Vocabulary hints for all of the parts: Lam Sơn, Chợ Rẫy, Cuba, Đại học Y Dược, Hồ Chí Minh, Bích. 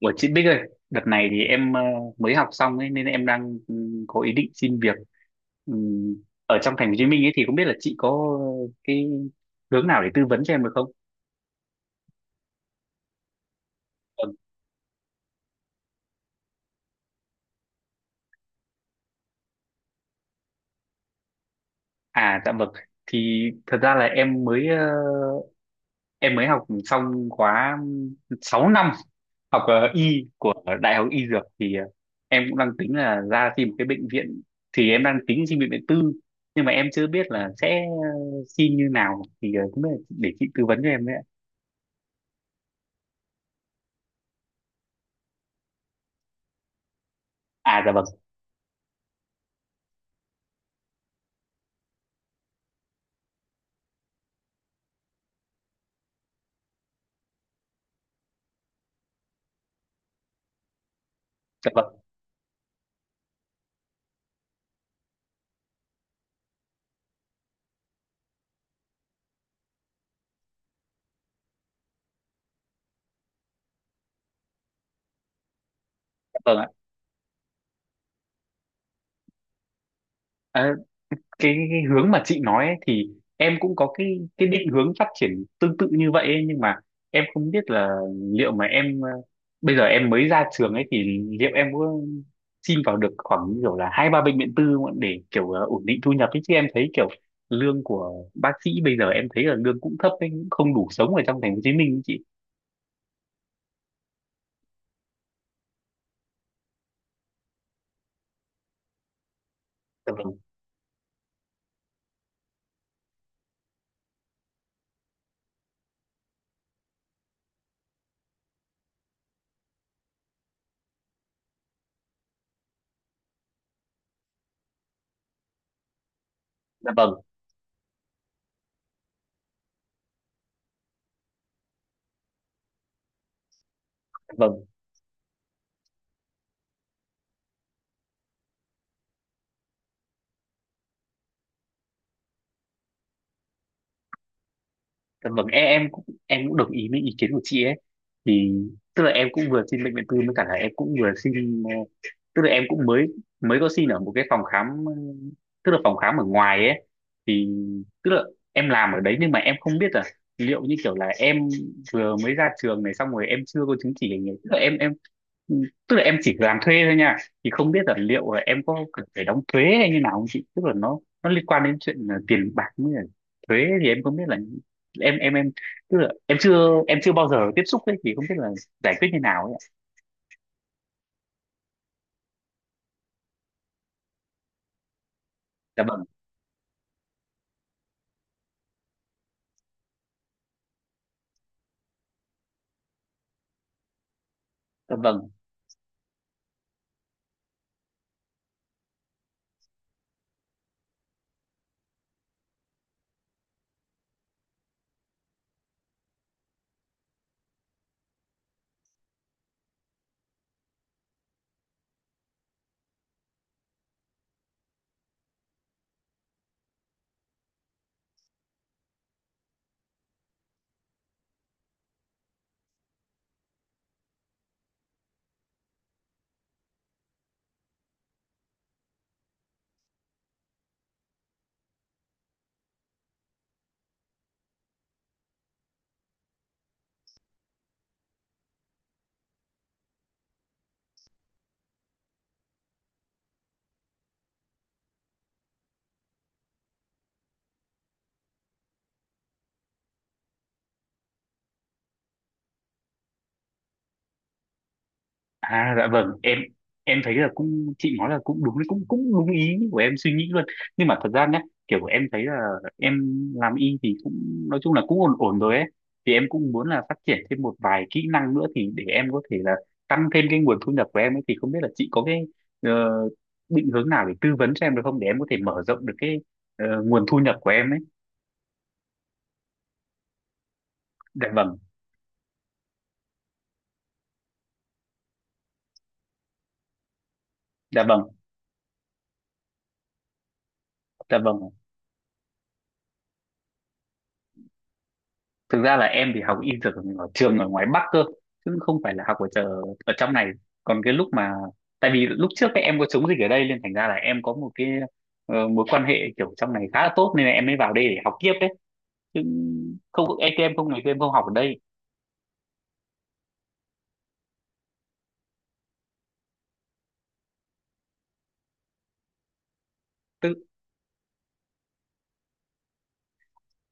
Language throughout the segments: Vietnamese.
Ủa chị Bích ơi, đợt này thì em mới học xong ấy nên em đang có ý định xin việc, ừ, ở trong thành phố Hồ Chí Minh ấy thì không biết là chị có cái hướng nào để tư vấn cho em được không? Vâng. À, dạ vâng. Thì thật ra là em mới học xong khóa 6 năm học y của Đại học Y Dược, thì em cũng đang tính là ra xin một cái bệnh viện, thì em đang tính xin bệnh viện tư, nhưng mà em chưa biết là sẽ xin như nào, thì không biết là để chị tư vấn cho em đấy ạ. À, dạ vâng. Dạ vâng. Dạ vâng ạ. À, cái hướng mà chị nói ấy, thì em cũng có cái định hướng phát triển tương tự như vậy ấy, nhưng mà em không biết là liệu mà em, bây giờ em mới ra trường ấy thì liệu em có xin vào được khoảng như kiểu là hai ba bệnh viện tư không ạ? Để kiểu ổn định thu nhập ấy, chứ em thấy kiểu lương của bác sĩ bây giờ em thấy là lương cũng thấp ấy, cũng không đủ sống ở trong thành phố Hồ Chí Minh ấy chị. Dạ vâng. Dạ vâng. Dạ vâng. Dạ vâng em, em cũng đồng ý với ý kiến của chị ấy, thì tức là em cũng vừa xin bệnh viện tư với cả là em cũng vừa xin, tức là em cũng mới mới có xin ở một cái phòng khám, tức là phòng khám ở ngoài ấy, thì tức là em làm ở đấy nhưng mà em không biết là liệu như kiểu là em vừa mới ra trường này xong rồi em chưa có chứng chỉ hành nghề, Ừ, tức là em chỉ làm thuê thôi nha, thì không biết là liệu là em có cần phải đóng thuế hay như nào không chị, tức là nó liên quan đến chuyện là tiền bạc với cả thuế, thì em không biết là em tức là em chưa bao giờ tiếp xúc ấy, thì không biết là giải quyết như nào ấy ạ. Dạ vâng. Dạ vâng. À dạ vâng, em thấy là cũng chị nói là cũng đúng, cũng cũng đúng ý của em suy nghĩ luôn. Nhưng mà thật ra nhé, kiểu em thấy là em làm y thì cũng nói chung là cũng ổn ổn rồi ấy. Thì em cũng muốn là phát triển thêm một vài kỹ năng nữa thì để em có thể là tăng thêm cái nguồn thu nhập của em ấy, thì không biết là chị có cái ờ, định hướng nào để tư vấn cho em được không, để em có thể mở rộng được cái nguồn thu nhập của em ấy. Dạ vâng. Dạ vâng. Dạ vâng. Thực ra là em thì học y dược ở ở trường ở ngoài Bắc cơ, chứ không phải là học ở trong này, còn cái lúc mà tại vì lúc trước các em có chống dịch ở đây nên thành ra là em có một cái mối quan hệ kiểu trong này khá là tốt, nên là em mới vào đây để học tiếp đấy, chứ không, em không, ngày xưa em không học ở đây. Tức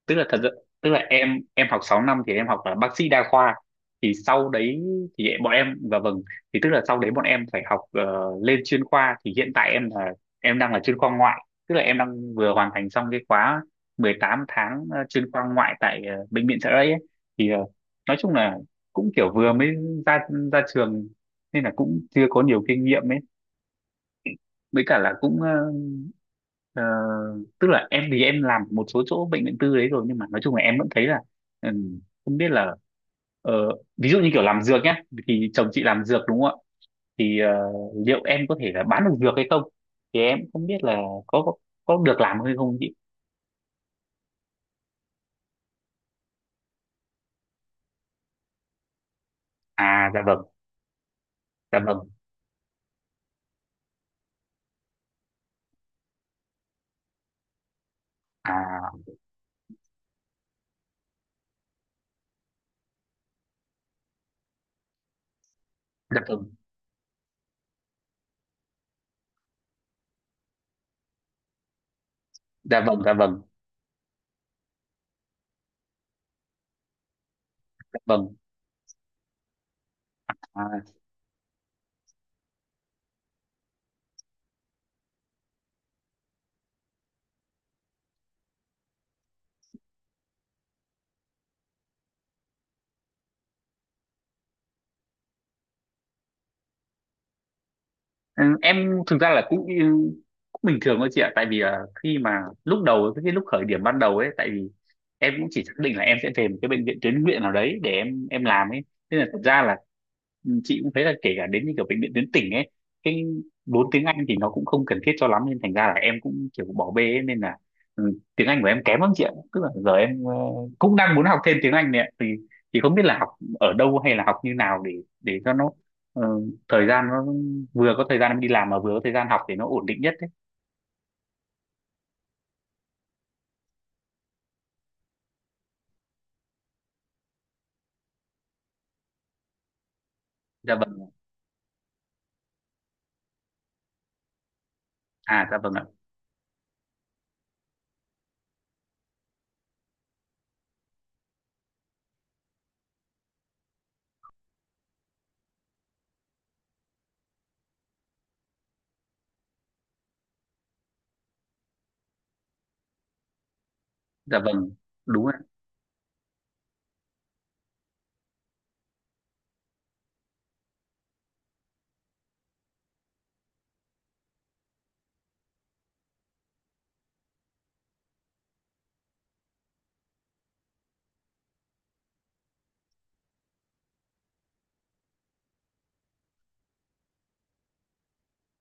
tức là thật ra- Tức là em học 6 năm thì em học là bác sĩ đa khoa, thì sau đấy thì bọn em, và vâng, thì tức là sau đấy bọn em phải học lên chuyên khoa, thì hiện tại em là em đang là chuyên khoa ngoại, tức là em đang vừa hoàn thành xong cái khóa 18 tháng chuyên khoa ngoại tại bệnh viện Chợ Rẫy ấy. Thì nói chung là cũng kiểu vừa mới ra ra trường, nên là cũng chưa có nhiều kinh nghiệm ấy, với cả là Ờ, tức là em thì em làm một số chỗ bệnh viện tư đấy rồi, nhưng mà nói chung là em vẫn thấy là ừ, không biết là, ờ, ví dụ như kiểu làm dược nhá, thì chồng chị làm dược đúng không ạ? Thì liệu em có thể là bán được dược hay không, thì em cũng không biết là có có có được làm hay không chị. À dạ vâng. Dạ vâng. À dạ vâng. Dạ vâng. Dạ vâng. Dạ vâng. À, ừ, em thực ra là cũng, cũng bình thường thôi chị ạ, tại vì là khi mà lúc đầu cái lúc khởi điểm ban đầu ấy, tại vì em cũng chỉ xác định là em sẽ về một cái bệnh viện tuyến huyện nào đấy để em làm ấy, nên là thực ra là, chị cũng thấy là kể cả đến như kiểu bệnh viện tuyến tỉnh ấy, cái vốn tiếng Anh thì nó cũng không cần thiết cho lắm, nên thành ra là em cũng kiểu bỏ bê ấy, nên là, tiếng Anh của em kém lắm chị ạ, tức là giờ em cũng đang muốn học thêm tiếng Anh này ạ, thì không biết là học ở đâu hay là học như nào để cho nó ờ, thời gian nó vừa có thời gian em đi làm mà vừa có thời gian học thì nó ổn định nhất ấy. Dạ vâng ạ. À dạ vâng ạ. Dạ vâng. Đúng ạ.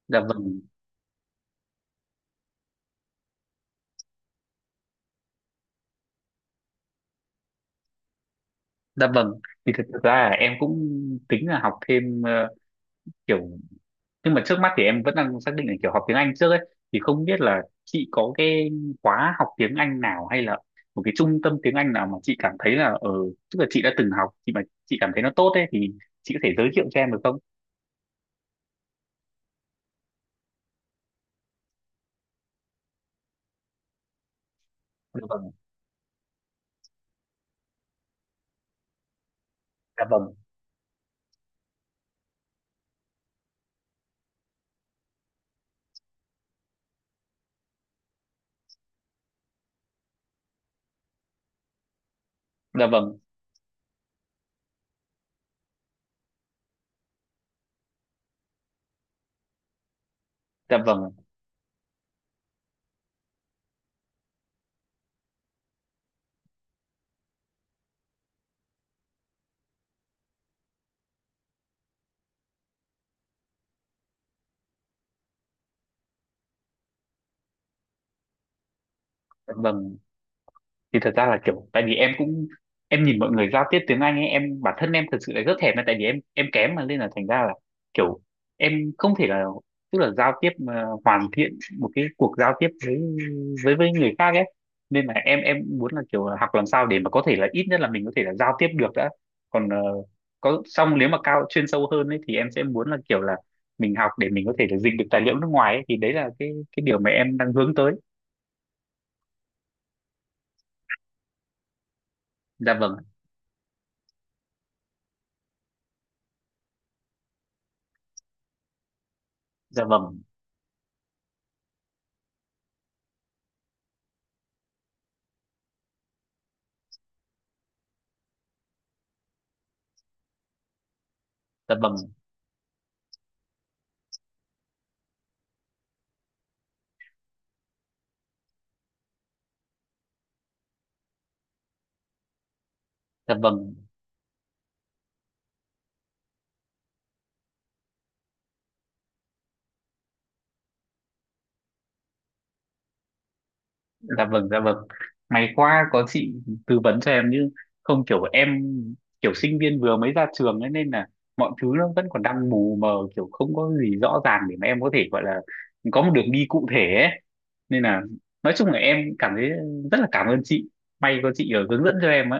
Dạ vâng. Dạ vâng. Thì thực ra là em cũng tính là học thêm, kiểu, nhưng mà trước mắt thì em vẫn đang xác định là kiểu học tiếng Anh trước ấy, thì không biết là chị có cái khóa học tiếng Anh nào hay là một cái trung tâm tiếng Anh nào mà chị cảm thấy là tức là chị đã từng học, chị mà chị cảm thấy nó tốt ấy, thì chị có thể giới thiệu cho em được không? Dạ vâng. Dạ vâng. Dạ vâng. Dạ vâng. Dạ vâng. Thì thật ra là kiểu tại vì em cũng em nhìn mọi người giao tiếp tiếng Anh ấy, em bản thân em thật sự là rất thèm, là tại vì em kém mà, nên là thành ra là kiểu em không thể là, tức là giao tiếp mà hoàn thiện một cái cuộc giao tiếp với với người khác ấy, nên là em muốn là kiểu là học làm sao để mà có thể là ít nhất là mình có thể là giao tiếp được đã, còn có xong nếu mà cao chuyên sâu hơn ấy thì em sẽ muốn là kiểu là mình học để mình có thể là dịch được tài liệu nước ngoài ấy. Thì đấy là cái điều mà em đang hướng tới. Dạ vâng. Dạ vâng. Dạ vâng. Dạ vâng. Dạ vâng. Dạ vâng. May quá có chị tư vấn cho em chứ không kiểu em kiểu sinh viên vừa mới ra trường ấy, nên là mọi thứ nó vẫn còn đang mù mờ, kiểu không có gì rõ ràng để mà em có thể gọi là có một đường đi cụ thể ấy, nên là nói chung là em cảm thấy rất là cảm ơn chị, may có chị ở hướng dẫn cho em á.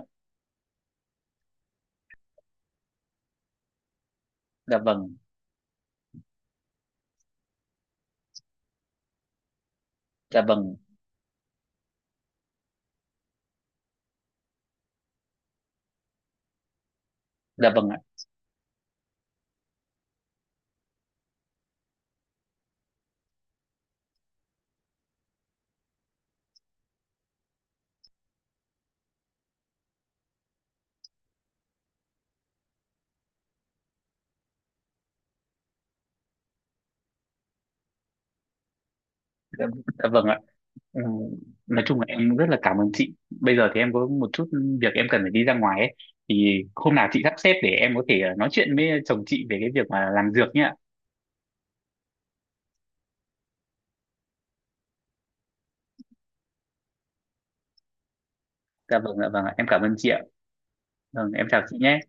Dạ vâng. Dạ vâng. Dạ vâng ạ. Dạ, dạ vâng ạ. Ờ, nói chung là em rất là cảm ơn chị, bây giờ thì em có một chút việc em cần phải đi ra ngoài ấy, thì hôm nào chị sắp xếp để em có thể nói chuyện với chồng chị về cái việc mà làm dược nhá. Dạ vâng. Dạ vâng ạ. Em cảm ơn chị ạ. Vâng em chào chị nhé.